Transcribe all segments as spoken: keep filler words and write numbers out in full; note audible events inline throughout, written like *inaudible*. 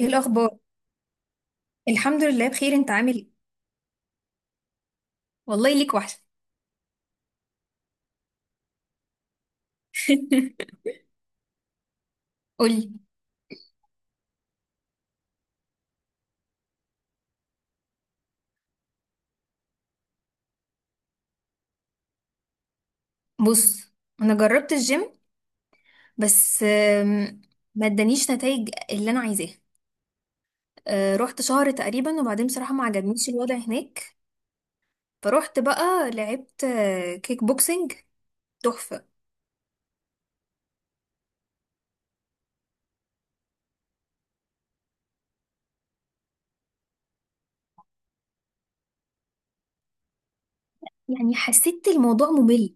ايه الاخبار؟ الحمد لله بخير، انت عامل ايه؟ والله ليك وحشه. *laughs* قولي. بص، انا جربت الجيم بس آم، ما ادانيش نتائج اللي انا عايزاها. آه، رحت شهر تقريبا، وبعدين بصراحه ما عجبنيش الوضع هناك، فروحت بقى لعبت آه، كيك بوكسنج. تحفه. يعني حسيت الموضوع ممل.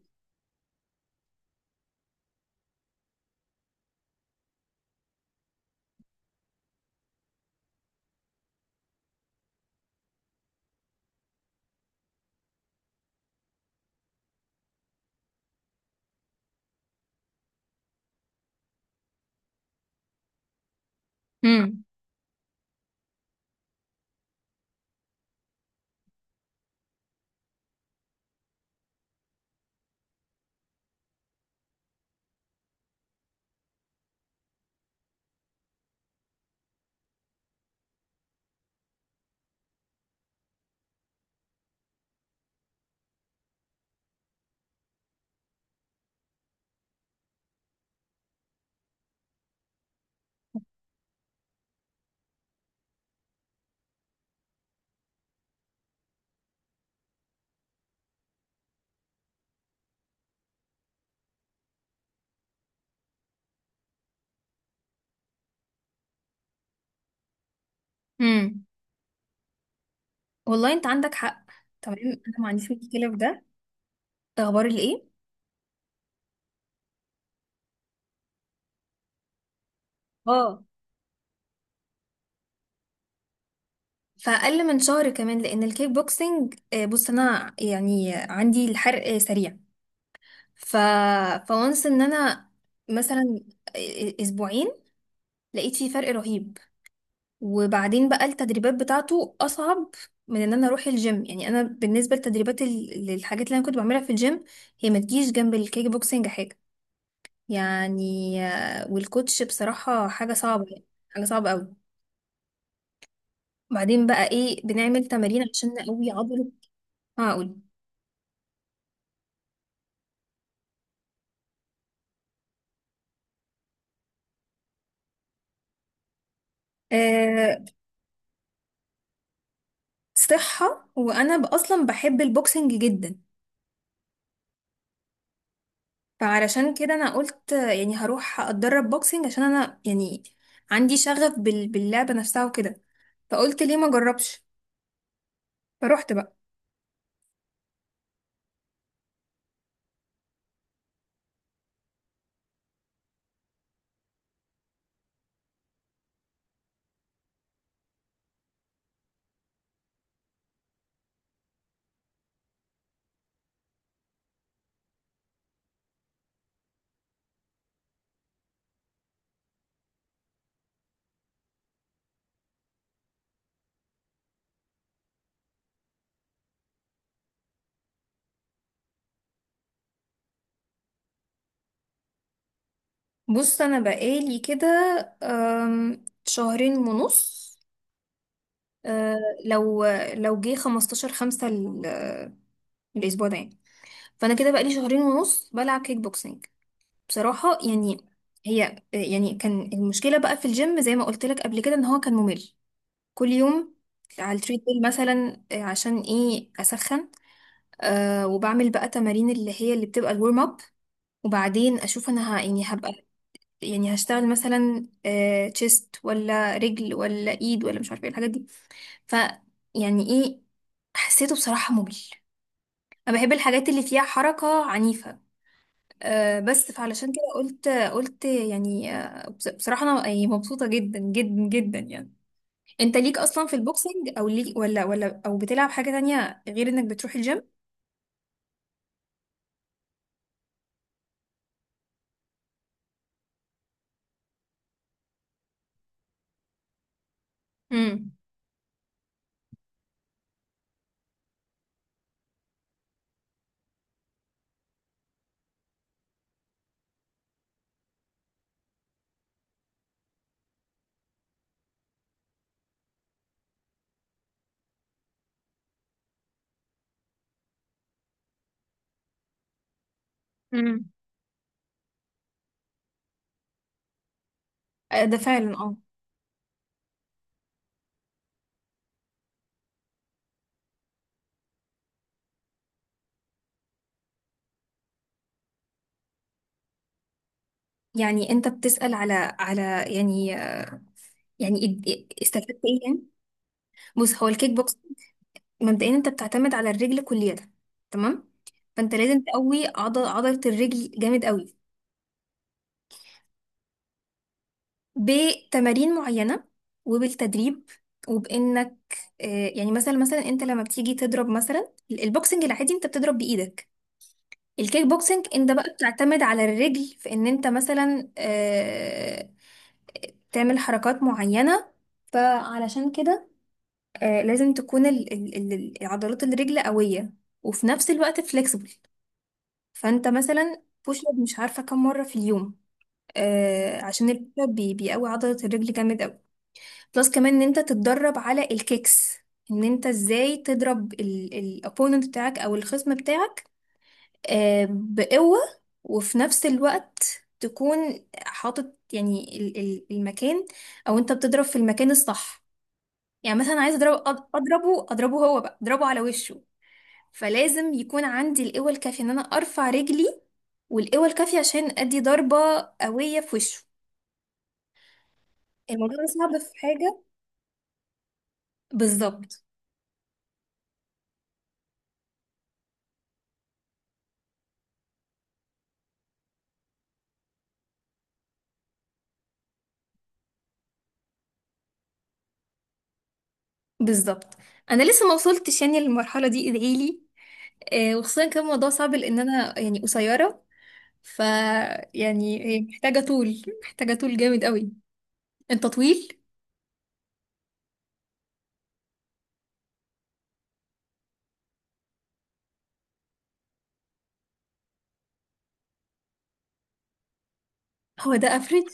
امم. امم، والله انت عندك حق. تمام، انا ما عنديش مشكله في ده. ده اخبار الايه؟ اه، فأقل من شهر كمان، لأن الكيك بوكسينج آه، بص، أنا يعني عندي الحرق سريع. ف، فونس إن أنا مثلا آه، أسبوعين لقيت فيه فرق رهيب. وبعدين بقى التدريبات بتاعته أصعب من إن أنا أروح الجيم. يعني أنا بالنسبة لتدريبات ال- للحاجات اللي أنا كنت بعملها في الجيم، هي ما تجيش جنب الكيك بوكسينج حاجة. يعني آه، والكوتش بصراحة حاجة صعبة، يعني حاجة صعبة أوي. بعدين بقى إيه؟ بنعمل تمارين عشان نقوي عضله. هقول، صحة، وأنا ب- أصلا بحب البوكسنج جدا. فعلشان كده أنا قلت يعني هروح أتدرب بوكسنج، عشان أنا يعني عندي شغف بال... باللعبة نفسها وكده. فقلت ليه ما أجربش، فروحت بقى. بص أنا بقالي كده أم، شهرين ونص. أه، لو لو جه خمستاشر خمسة ال- الأسبوع ده يعني. فأنا كده بقالي شهرين ونص بلعب كيك بوكسنج. بصراحة يعني، هي يعني كان المشكلة بقى في الجيم زي ما قلت لك قبل كده، إن هو كان ممل. كل يوم على التريدميل مثلا، آه، عشان ايه؟ اسخن. أه، وبعمل بقى تمارين اللي هي اللي بتبقى الورم اب، وبعدين اشوف انا ه... يعني هبقى، يعني هشتغل مثلا أه تشيست ولا رجل ولا ايد، ولا مش عارفه ايه الحاجات دي. ف، يعني ايه، حسيته بصراحه ممل. انا بحب الحاجات اللي فيها حركه عنيفه. أه، بس فعلشان كده قلت قلت يعني آه، بص- بصراحه انا يعني مبسوطه جدا جدا جدا يعني. انت ليك اصلا في البوكسنج، او ليك ولا ولا او بتلعب حاجة تانية غير انك بتروح الجيم؟ امم. امم. آه، ده فعلا اه. يعني انت بتسأل على على يعني، يعني اد- استفدت ايه يعني؟ بص، هو الكيك بوكس مبدئيا انت بتعتمد على الرجل كليا، تمام؟ فانت لازم تقوي عضل عضلة الرجل جامد قوي. بتمارين معينة، وبالتدريب، وبانك آه، يعني مثلا مثلا انت لما بتيجي تضرب مثلا البوكسنج العادي، انت بتضرب بايدك. الكيك بوكسنج انت بقى بتعتمد على الرجل، في ان انت مثلا آه، تعمل حركات معينة. فعلشان كده آه، لازم تكون ال- ال- ال- العضلات الرجل قوية، وفي نفس الوقت فليكسبل. فانت مثلا بوش اب مش عارفة كم مرة في اليوم، آه، عشان البوش اب بي- بيقوي عضلة الرجل جامد قوي. بلس كمان ان انت تتدرب على الكيكس، ان انت ازاي تضرب الopponent بتاعك او الخصم بتاعك، آه، بقوة. وفي نفس الوقت تكون حاطط يعني ال- ال- المكان، او انت بتضرب في المكان الصح. يعني مثلا عايز اضرب أض- اضربه، اضربه هو بقى، اضربه على وشه. فلازم يكون عندي القوة الكافية ان انا ارفع رجلي، والقوة الكافية عشان ادي ضربة قوية في وشه. الموضوع ده صعب في حاجة، بالظبط. بالظبط، انا لسه ما وصلتش يعني للمرحلة دي، ادعيلي. آه، وخصوصا كان الموضوع صعب، لان انا يعني قصيرة. ف، يعني هي محتاجة طول، محتاجة طول جامد قوي. انت طويل. هو ده افريج؟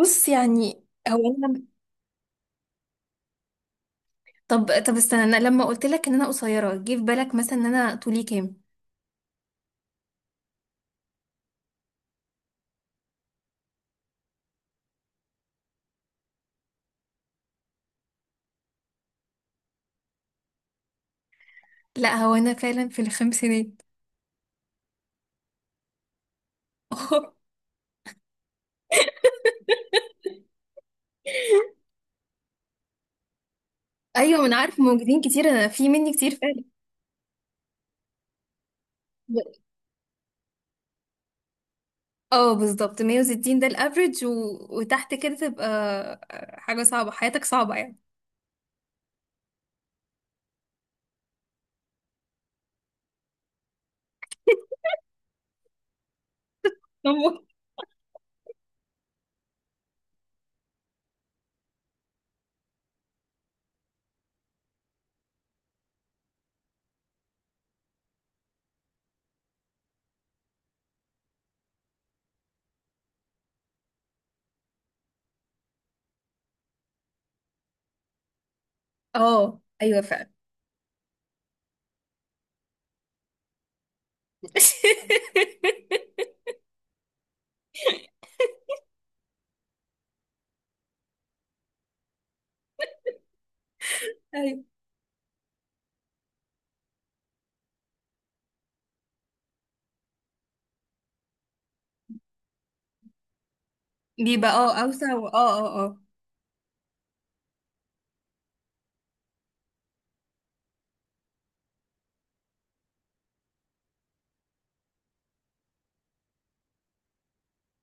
بص يعني هو انا، طب طب استنى، انا لما قلت لك ان انا قصيرة، جه في بالك مثلا ان انا طولي كام؟ لا، هو انا فعلا في الخمسينات. *laughs* ايوه، ما انا عارف موجودين كتير، انا في مني كتير فعلا. اه، بالظبط مية وستين ده الافريج. و... وتحت كده تبقى حاجة صعبة، حياتك صعبة يعني. *laughs* اه ايوه فعلا. *laughs* ايوه، بيبقى اه اوسع و- اه اه اه.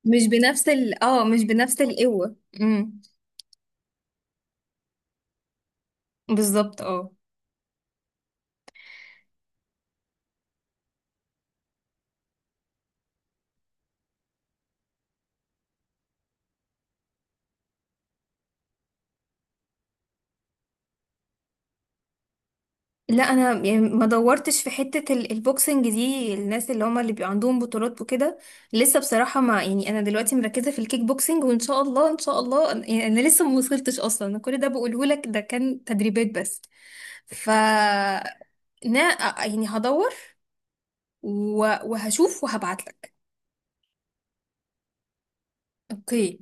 مش بنفس ال، اه مش بنفس القوة. امم. بالظبط اه. لا، انا يعني ما دورتش في حتة ال- البوكسنج دي، الناس اللي هما اللي بيبقى عندهم بطولات وكده، لسه بصراحة ما يعني، انا دلوقتي مركزة في الكيك بوكسنج، وان شاء الله، ان شاء الله أنا- يعني انا لسه ما وصلتش اصلا. أنا كل ده بقوله لك، ده كان تدريبات بس. ف، نا، يعني هدور و- وهشوف وهبعت لك. اوكي.